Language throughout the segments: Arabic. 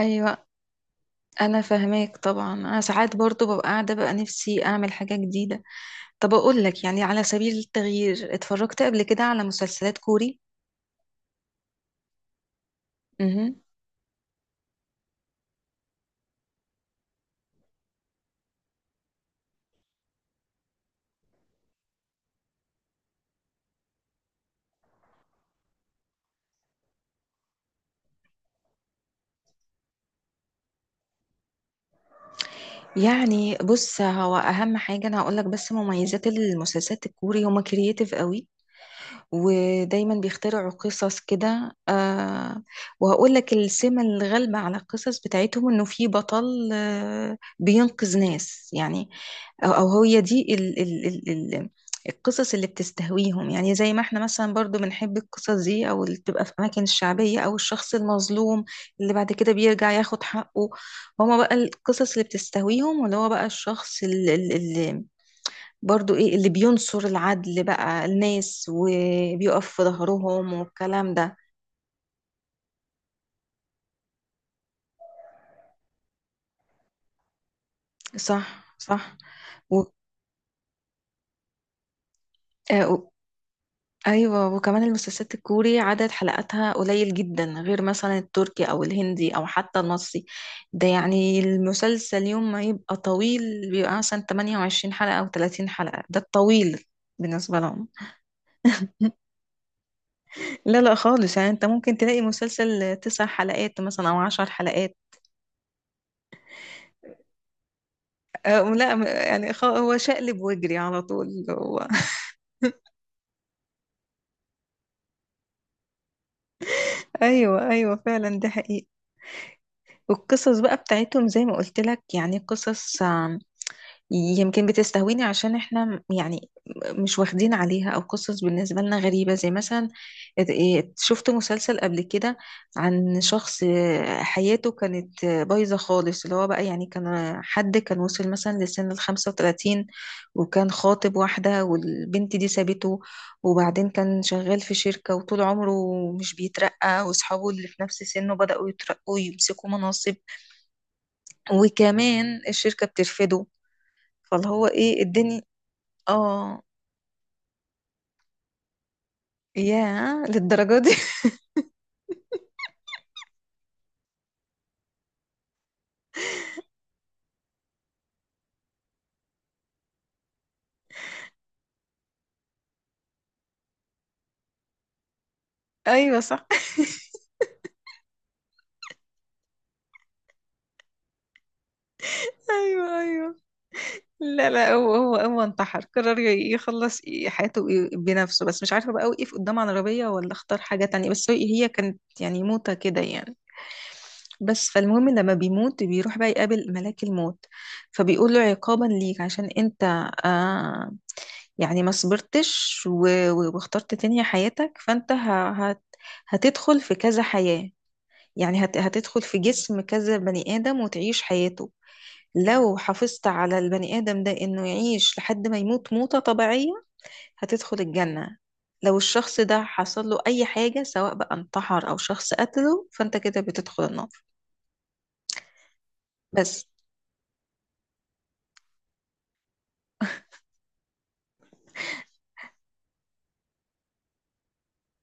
ايوه، انا فاهماك طبعا. انا ساعات برضو ببقى قاعده بقى نفسي اعمل حاجه جديده. طب اقول لك يعني على سبيل التغيير اتفرجت قبل كده على مسلسلات كوري. امم. بص هو اهم حاجه انا هقول لك بس مميزات المسلسلات الكوري هما كرييتيف قوي. ودايما بيخترعوا قصص كده. وهقول لك السمة الغالبة على القصص بتاعتهم انه في بطل بينقذ ناس يعني. او هي دي ال القصص اللي بتستهويهم، يعني زي ما احنا مثلا برضو بنحب القصص دي او اللي بتبقى في اماكن الشعبية او الشخص المظلوم اللي بعد كده بيرجع ياخد حقه. هما بقى القصص اللي بتستهويهم، واللي هو بقى الشخص اللي برضو ايه اللي بينصر العدل بقى الناس وبيقف في ظهرهم والكلام ده. صح، صح. و... آه، و... ايوه، وكمان المسلسلات الكوري عدد حلقاتها قليل جدا، غير مثلا التركي او الهندي او حتى المصري. ده يعني المسلسل يوم ما يبقى طويل بيبقى مثلا 28 حلقة او 30 حلقة، ده الطويل بالنسبة لهم. لا، لا خالص، يعني انت ممكن تلاقي مسلسل تسع حلقات مثلا او عشر حلقات. لا، هو شقلب واجري على طول هو ايوه، ايوه، فعلا ده حقيقي. والقصص بقى بتاعتهم زي ما قلت لك يعني قصص يمكن بتستهويني عشان احنا يعني مش واخدين عليها، او قصص بالنسبة لنا غريبة. زي مثلا شفت مسلسل قبل كده عن شخص حياته كانت بايظة خالص. اللي هو بقى يعني كان حد كان وصل مثلا لسن ال35، وكان خاطب واحدة والبنت دي سابته، وبعدين كان شغال في شركة وطول عمره مش بيترقى، واصحابه اللي في نفس سنه بدأوا يترقوا ويمسكوا مناصب، وكمان الشركة بترفضه، فاللي هو ايه الدنيا. اه، ياه للدرجة دي ايوه، صح. ايوه، ايوه. لا، لا، هو انتحر، قرر يخلص حياته بنفسه. بس مش عارفة بقى وقف قدام عربية ولا اختار حاجة تانية، بس هي كانت يعني موتة كده يعني. بس فالمهم لما بيموت بيروح بقى يقابل ملاك الموت، فبيقول له عقابا ليك عشان انت آه يعني ما صبرتش واخترت تنهي حياتك، فانت هتدخل في كذا حياة. يعني هتدخل في جسم كذا بني آدم وتعيش حياته. لو حافظت على البني آدم ده إنه يعيش لحد ما يموت موتة طبيعية، هتدخل الجنة. لو الشخص ده حصل له أي حاجة، سواء بقى انتحر أو شخص قتله، فأنت كده بتدخل النار. بس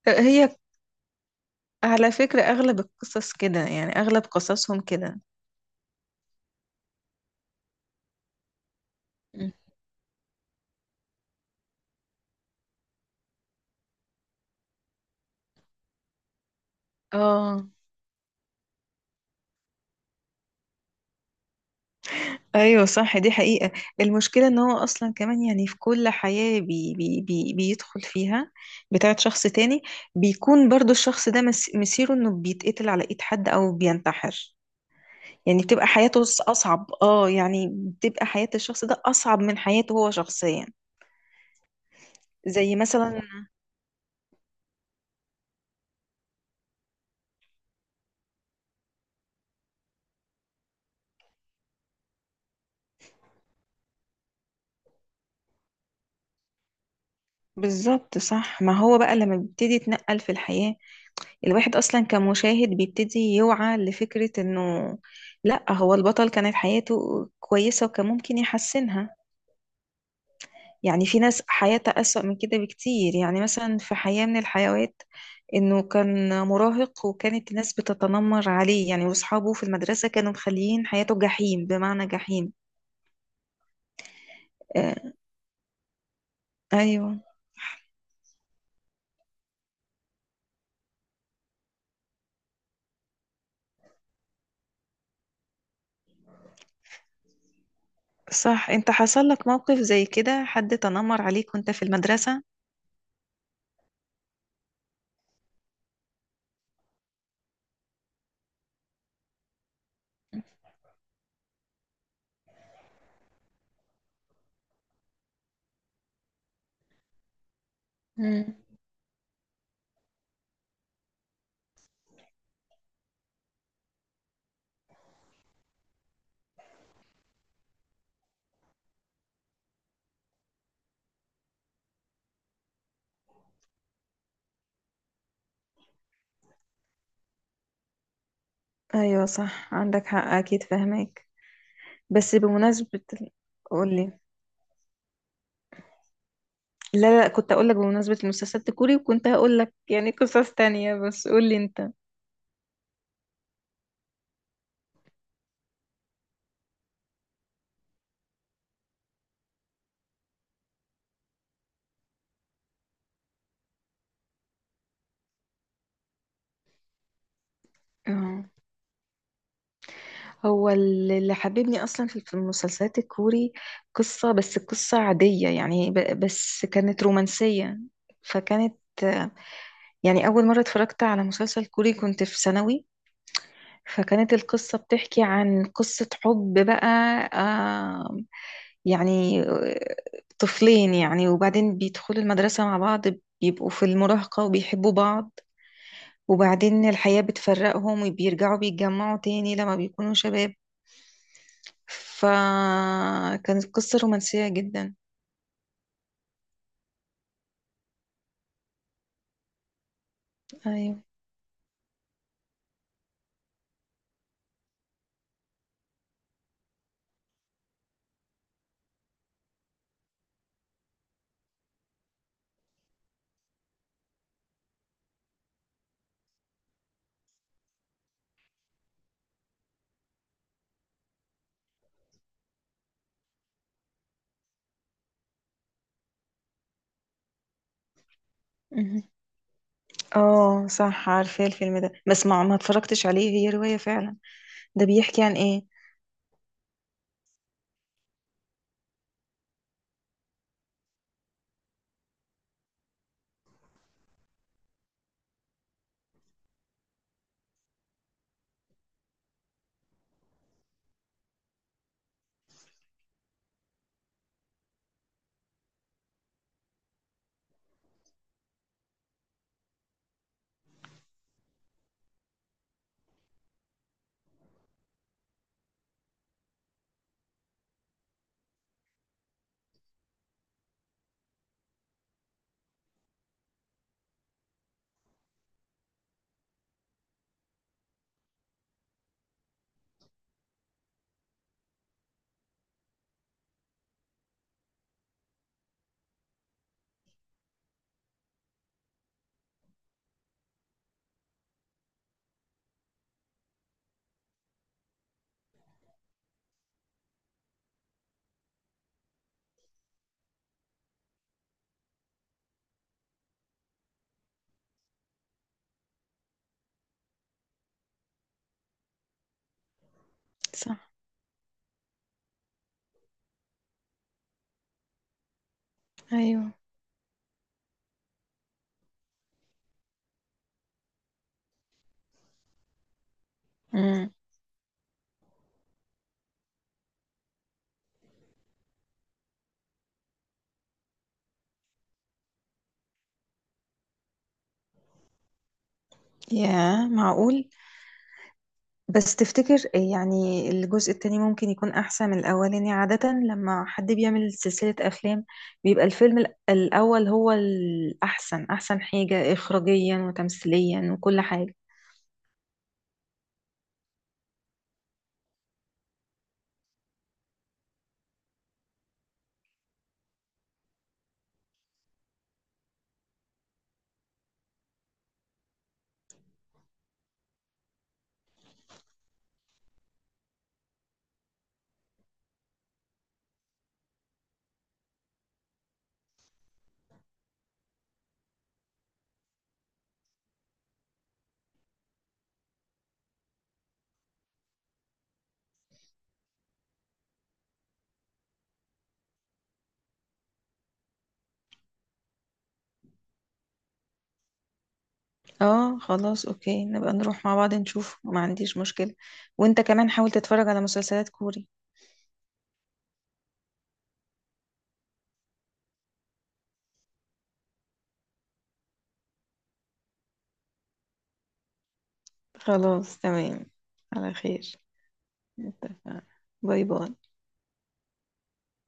هي على فكرة أغلب القصص كده، يعني أغلب قصصهم كده. مم. اه، ايوه، صح، دي حقيقة. المشكلة ان هو اصلا كمان يعني في كل حياة بي بيدخل فيها بتاعت شخص تاني، بيكون برضو الشخص ده مصيره انه بيتقتل على ايد حد او بينتحر. يعني بتبقى حياته اصعب، اه، يعني بتبقى حياة الشخص ده اصعب من حياته هو شخصيا. زي مثلا بالظبط، صح. ما هو بقى لما بيبتدي يتنقل في الحياة، الواحد أصلا كمشاهد بيبتدي يوعى لفكرة إنه لأ، هو البطل كانت حياته كويسة وكان ممكن يحسنها. يعني في ناس حياتها أسوأ من كده بكتير. يعني مثلا في حياة من الحيوات إنه كان مراهق وكانت الناس بتتنمر عليه، يعني وأصحابه في المدرسة كانوا مخليين حياته جحيم بمعنى جحيم. آه، أيوه، صح. أنت حصل لك موقف زي كده حد تنمر عليك وأنت في المدرسة؟ مم. أيوه، صح، عندك حق، أكيد فهمك. بس بمناسبة، قول لي. لا، لا، كنت اقول لك بمناسبة المسلسلات الكوري، وكنت هقول لك يعني قصص تانية، بس قول لي انت. اه، هو اللي حببني اصلا في المسلسلات الكوري قصة، بس قصة عادية يعني، بس كانت رومانسية. فكانت آه، يعني اول مرة اتفرجت على مسلسل كوري كنت في ثانوي، فكانت القصة بتحكي عن قصة حب بقى. آه، يعني طفلين يعني، وبعدين بيدخلوا المدرسة مع بعض، بيبقوا في المراهقة وبيحبوا بعض، وبعدين الحياة بتفرقهم وبيرجعوا بيتجمعوا تاني لما بيكونوا شباب. فكانت قصة رومانسية جدا. أيوة. مهم. اه، صح، عارفة الفيلم ده، بس ما اتفرجتش عليه، هي رواية فعلا. ده بيحكي عن ايه؟ صح، ايوه. امم يا معقول. بس تفتكر يعني الجزء التاني ممكن يكون أحسن من الأولاني؟ عادة لما حد بيعمل سلسلة أفلام بيبقى الفيلم الأول هو الأحسن، أحسن حاجة إخراجيا وتمثيليا وكل حاجة. اه، خلاص، أوكي، نبقى نروح مع بعض نشوف، ما عنديش مشكلة. وانت كمان حاول تتفرج على مسلسلات كوري. خلاص، تمام. على خير. اتفقنا. باي، باي.